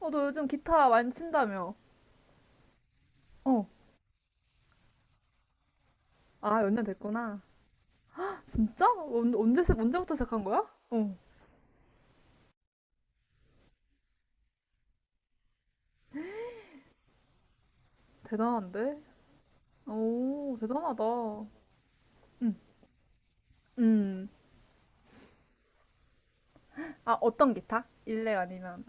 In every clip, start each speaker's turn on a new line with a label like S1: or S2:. S1: 어, 너 요즘 기타 많이 친다며? 어. 아, 연년 됐구나. 진짜? 언제부터 시작한 거야? 어. 대단한데? 오, 대단하다. 음. 음. 아, 어떤 기타? 일렉 아니면?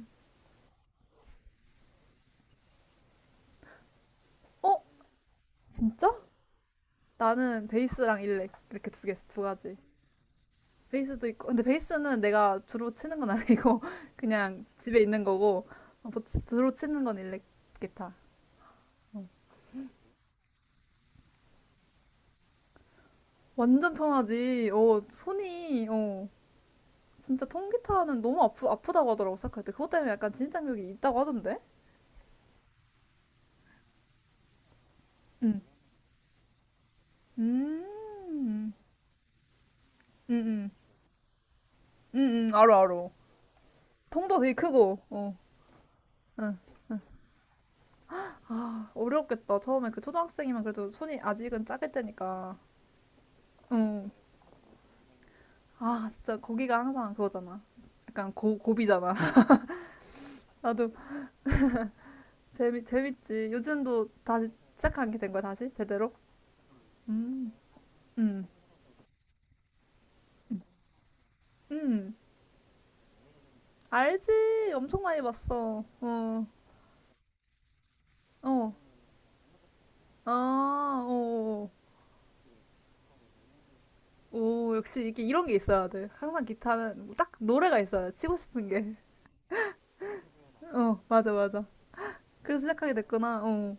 S1: 어? 진짜? 나는 베이스랑 일렉 이렇게 두 개, 두 가지. 베이스도 있고, 근데 베이스는 내가 주로 치는 건 아니고 그냥 집에 있는 거고 어, 뭐 주로 치는 건 일렉 기타. 어. 완전 편하지. 어, 손이 어. 진짜 통기타는 너무 아프다고 하더라고 생각할 때 그것 때문에 약간 진입장벽이 있다고 하던데? 응. 음. 음. 음. 음. 음. 알어 알어. 통도 되게 크고. 어. 응. 아, 어려웠겠다. 처음에 그 초등학생이면 그래도 손이 아직은 작을 때니까. 응. 아, 진짜 거기가 항상 그거잖아. 약간 고비잖아. 나도 재미 재밌지. 요즘도 다시 시작하게 된 거야, 다시 제대로? 음. 음. 음. 알지. 엄청 많이 봤어. 어. 어. 아, 오, 오, 역시 이게 이런 게 있어야 돼. 항상 기타는 딱 노래가 있어야 돼. 치고 싶은 게. 어, 맞아, 맞아. 그래서 시작하게 됐구나. 어,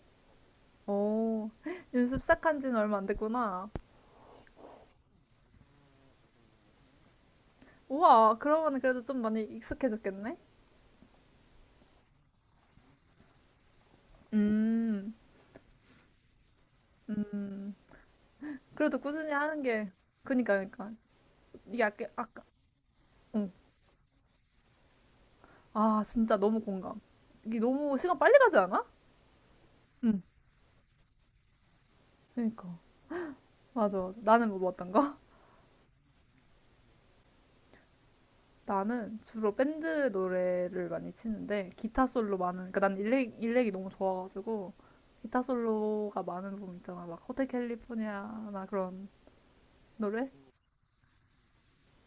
S1: 오, 연습 시작한 지는 얼마 안 됐구나. 우와, 그러면 그래도 좀 많이 익숙해졌겠네? 음, 음. 그래도 꾸준히 하는 게, 그니까, 그니까. 이게 아까, 아까, 응. 아, 진짜 너무 공감. 이게 너무 시간 빨리 가지 않아? 응, 그니까. 맞아, 맞아. 나는 뭐 어떤 거? 나는 주로 밴드 노래를 많이 치는데 기타 솔로 많은, 그러니까 난 일렉이 너무 좋아가지고 기타 솔로가 많은 부분 있잖아. 막 호텔 캘리포니아나 그런 노래.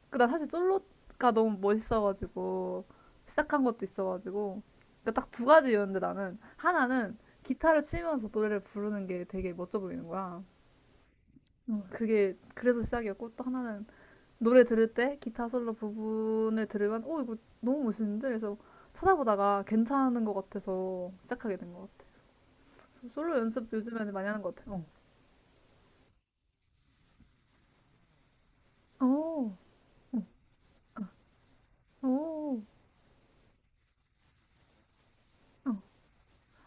S1: 그, 나 사실 솔로가 너무 멋있어가지고 시작한 것도 있어가지고, 그러니까 딱 두 가지였는데, 나는 하나는 기타를 치면서 노래를 부르는 게 되게 멋져 보이는 거야. 그게 그래서 시작이었고, 또 하나는 노래 들을 때 기타 솔로 부분을 들으면 오, 이거 너무 멋있는데, 그래서 찾아보다가 괜찮은 것 같아서 시작하게 된 것 같아. 그래서 솔로 연습 요즘에는 많이 하는 것 같아. 어. 오, 응, 어, 오, 어.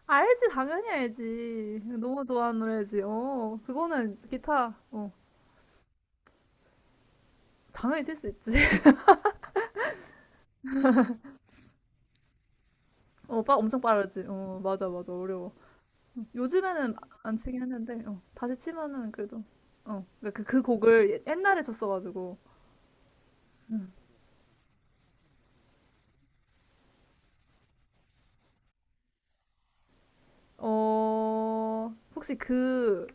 S1: 알지. 당연히 알지. 너무 좋아하는 노래지. 어, 그거는 기타, 어, 당연히 칠 수 있지. 어, 빠 엄청 빠르지. 어, 맞아, 맞아. 어려워. 요즘에는 안 치긴 했는데, 어, 다시 치면은 그래도, 어, 그러니까 그 곡을 옛날에 쳤어가지고, 음. 어, 혹시 그,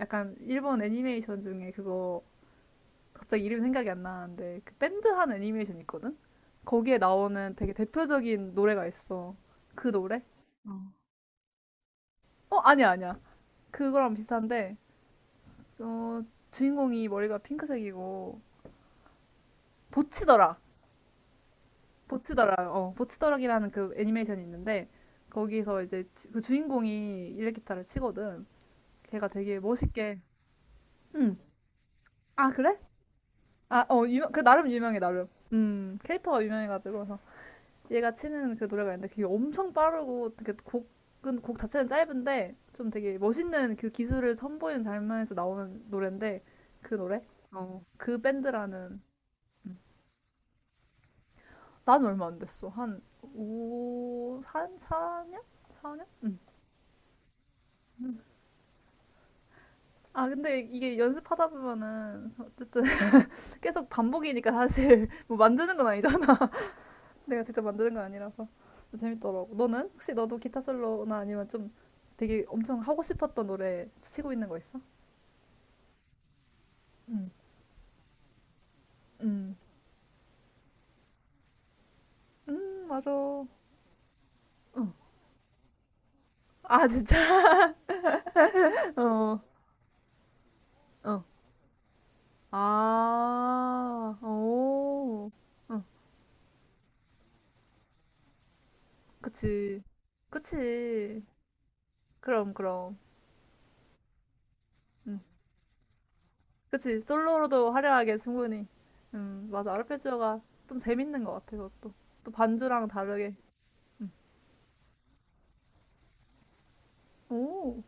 S1: 약간 일본 애니메이션 중에 그거, 갑자기 이름 생각이 안 나는데, 그 밴드 한 애니메이션 있거든? 거기에 나오는 되게 대표적인 노래가 있어. 그 노래? 어, 아니야, 아니야. 그거랑 비슷한데, 어, 주인공이 머리가 핑크색이고, 보치더락. 보치더락. 어, 보치더락이라는 그 애니메이션이 있는데, 거기서 이제 그 주인공이 일렉기타를 치거든. 걔가 되게 멋있게. 응. 아, 그래? 아, 어, 유명, 그 나름 유명해, 나름. 캐릭터가 유명해가지고. 그래서 얘가 치는 그 노래가 있는데 그게 엄청 빠르고 되게 곡 자체는 짧은데 좀 되게 멋있는 그 기술을 선보이는 장면에서 나오는 노래인데 그 노래? 어, 그 밴드라는. 난 얼마 안 됐어. 한 5, 4, 4년? 4년? 응. 아, 근데 이게 연습하다 보면은 어쨌든 계속 반복이니까 사실 뭐 만드는 건 아니잖아. 내가 직접 만드는 건 아니라서 재밌더라고. 너는 혹시 너도 기타 솔로나 아니면 좀 되게 엄청 하고 싶었던 노래 치고 있는 거 있어? 응. 응, 응, 맞아. 어. 아, 진짜? 어, 어. 아, 오, 어, 그치. 그치. 그럼, 그럼. 응, 그치. 솔로로도 화려하게 충분히. 맞아. 아르페지오가 좀 재밌는 것 같아, 그것도. 또 반주랑 다르게. 음. 오,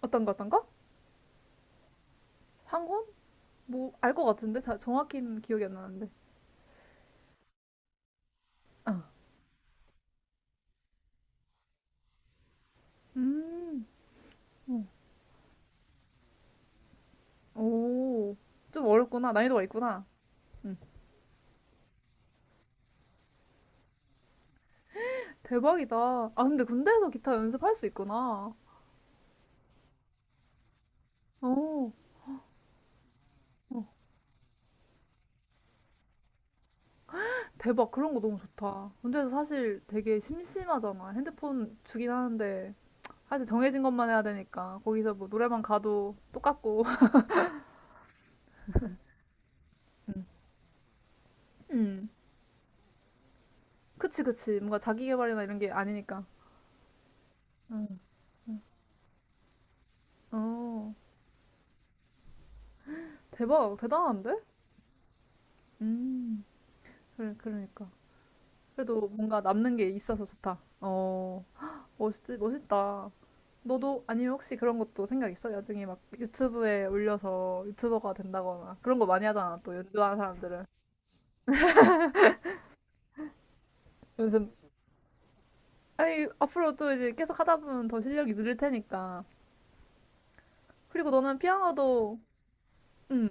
S1: 어떤 거, 어떤 거? 황혼? 뭐, 알 것 같은데? 자, 정확히는 기억이 안 나는데. 어. 음, 어. 오, 좀 어렵구나. 난이도가 있구나. 응. 대박이다. 아, 근데 군대에서 기타 연습할 수 있구나. 오, 어. 대박. 그런 거 너무 좋다. 군대에서 사실 되게 심심하잖아. 핸드폰 주긴 하는데. 사실 정해진 것만 해야 되니까. 거기서 뭐 노래방 가도 똑같고. 응. 음. 그치, 그치. 뭔가 자기 개발이나 이런 게 아니니까. 응. 어, 대박. 대단한데? 음. 그래, 그러니까. 그래도 뭔가 남는 게 있어서 좋다. 어, 멋있지, 멋있다. 너도 아니면 혹시 그런 것도 생각 있어? 나중에 막 유튜브에 올려서 유튜버가 된다거나 그런 거 많이 하잖아. 또 연주하는 사람들은. 연습. 아니 앞으로 또 이제 계속 하다 보면 더 실력이 늘릴 테니까. 그리고 너는 피아노도. 음.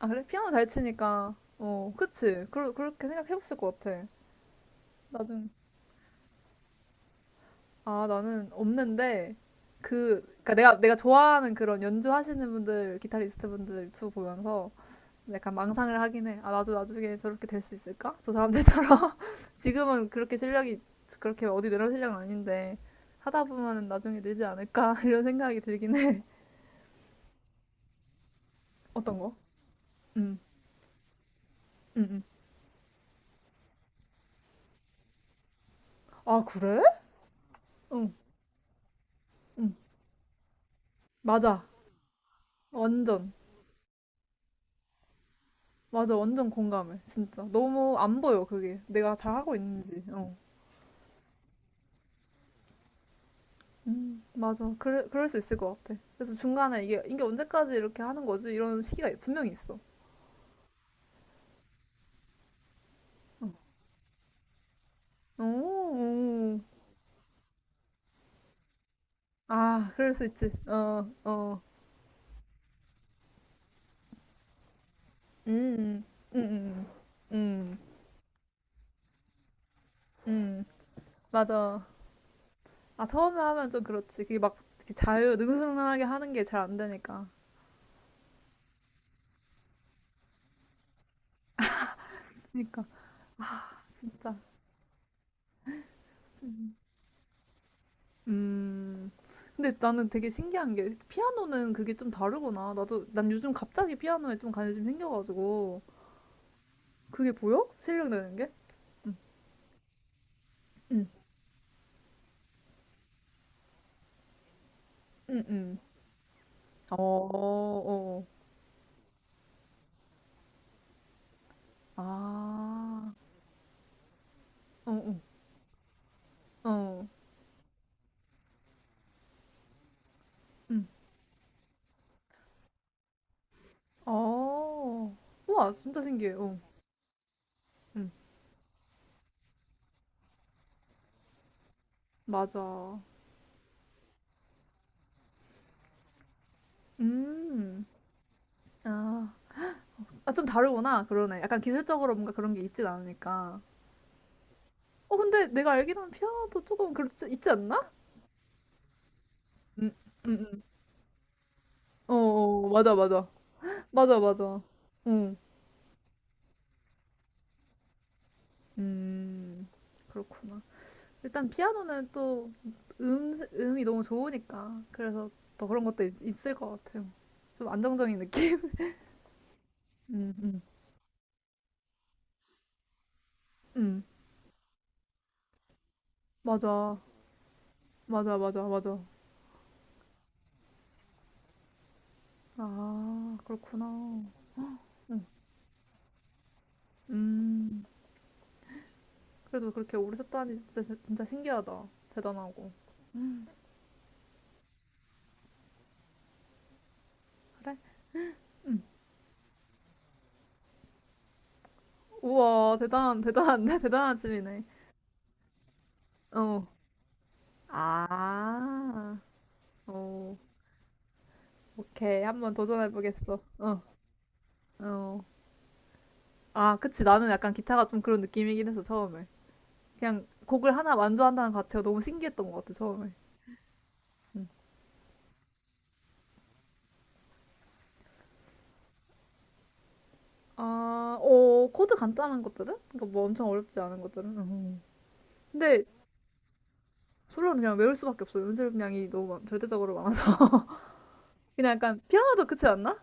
S1: 아, 그래? 피아노 잘 치니까. 어, 그치. 그렇게 생각해봤을 것 같아. 나중에. 아, 나는 없는데, 그니까 내가 좋아하는 그런 연주하시는 분들, 기타리스트 분들 유튜브 보면서 약간 망상을 하긴 해. 아, 나도 나중에 저렇게 될 수 있을까? 저 사람들처럼. 지금은 그렇게 실력이, 그렇게 어디 내려올 실력은 아닌데, 하다 보면은 나중에 늘지 않을까? 이런 생각이 들긴 해. 어떤 거? 응, 응, 응. 아, 그래? 응, 응. 맞아. 완전. 맞아, 완전 공감해. 진짜. 너무 안 보여, 그게. 내가 잘하고 있는지. 어. 맞아. 그럴 수 있을 것 같아. 그래서 중간에 이게 언제까지 이렇게 하는 거지? 이런 시기가 분명히 있어. 어. 오, 오. 아, 그럴 수 있지. 어, 어. 음, 음, 음, 음, 음. 맞아. 아, 처음에 하면 좀 그렇지. 그게 막 이렇게 자유, 능수능란하게 하는 게 잘 안 되니까. 그러니까 진짜. 음. 음. 근데 나는 되게 신기한 게 피아노는 그게 좀 다르구나. 나도, 난 요즘 갑자기 피아노에 좀 관심이 생겨가지고 그게 보여? 실력 느는 게? 응, 응, 응. 응. 어, 어, 아, 어, 어, 어, 응, 어. 우와, 진짜 신기해. 어, 응, 맞아. 음, 아, 아, 좀 다르구나. 그러네. 약간 기술적으로 뭔가 그런 게 있진 않으니까. 어, 근데 내가 알기로는 피아노도 조금 그렇지, 있지 않나? 응, 응, 응. 어, 어, 맞아, 맞아. 맞아, 맞아. 응, 음, 그렇구나. 일단 피아노는 또 음이 너무 좋으니까. 그래서 더 그런 것도 있, 을것 같아요. 좀 안정적인 느낌? 음, 음. 음, 맞아. 맞아, 맞아, 맞아. 아, 그렇구나. 음, 음. 그래도 그렇게 오래 썼다니 진짜, 진짜 신기하다. 대단하고. 그래? 음. 우와, 대단한데? 대단한 취미네. 어. 아, 어. 오케이. 한번 도전해보겠어. 어, 어. 아, 그치. 나는 약간 기타가 좀 그런 느낌이긴 해서 처음에. 그냥 곡을 하나 완주한다는 자체가 너무 신기했던 것 같아, 처음에. 음. 아, 어, 코드 간단한 것들은? 그러니까 뭐 엄청 어렵지 않은 것들은? 음. 근데 솔로는 그냥 외울 수밖에 없어. 연습량이 너무 절대적으로 많아서. 그냥 약간 피아노도 그렇지 않나?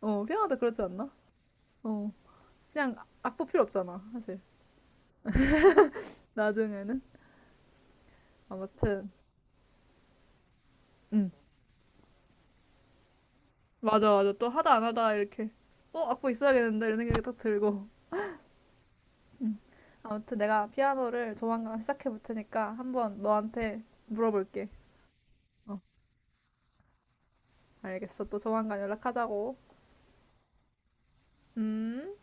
S1: 어, 피아노도 그렇지 않나? 어, 그냥 악보 필요 없잖아, 사실. 나중에는. 아무튼, 음. 맞아, 맞아. 또 하다 안 하다 이렇게, 어, 악보 있어야겠는데 이런 생각이 딱 들고. 음. 아무튼 내가 피아노를 조만간 시작해 볼 테니까 한번 너한테 물어볼게. 어, 알겠어. 또 조만간 연락하자고. 음.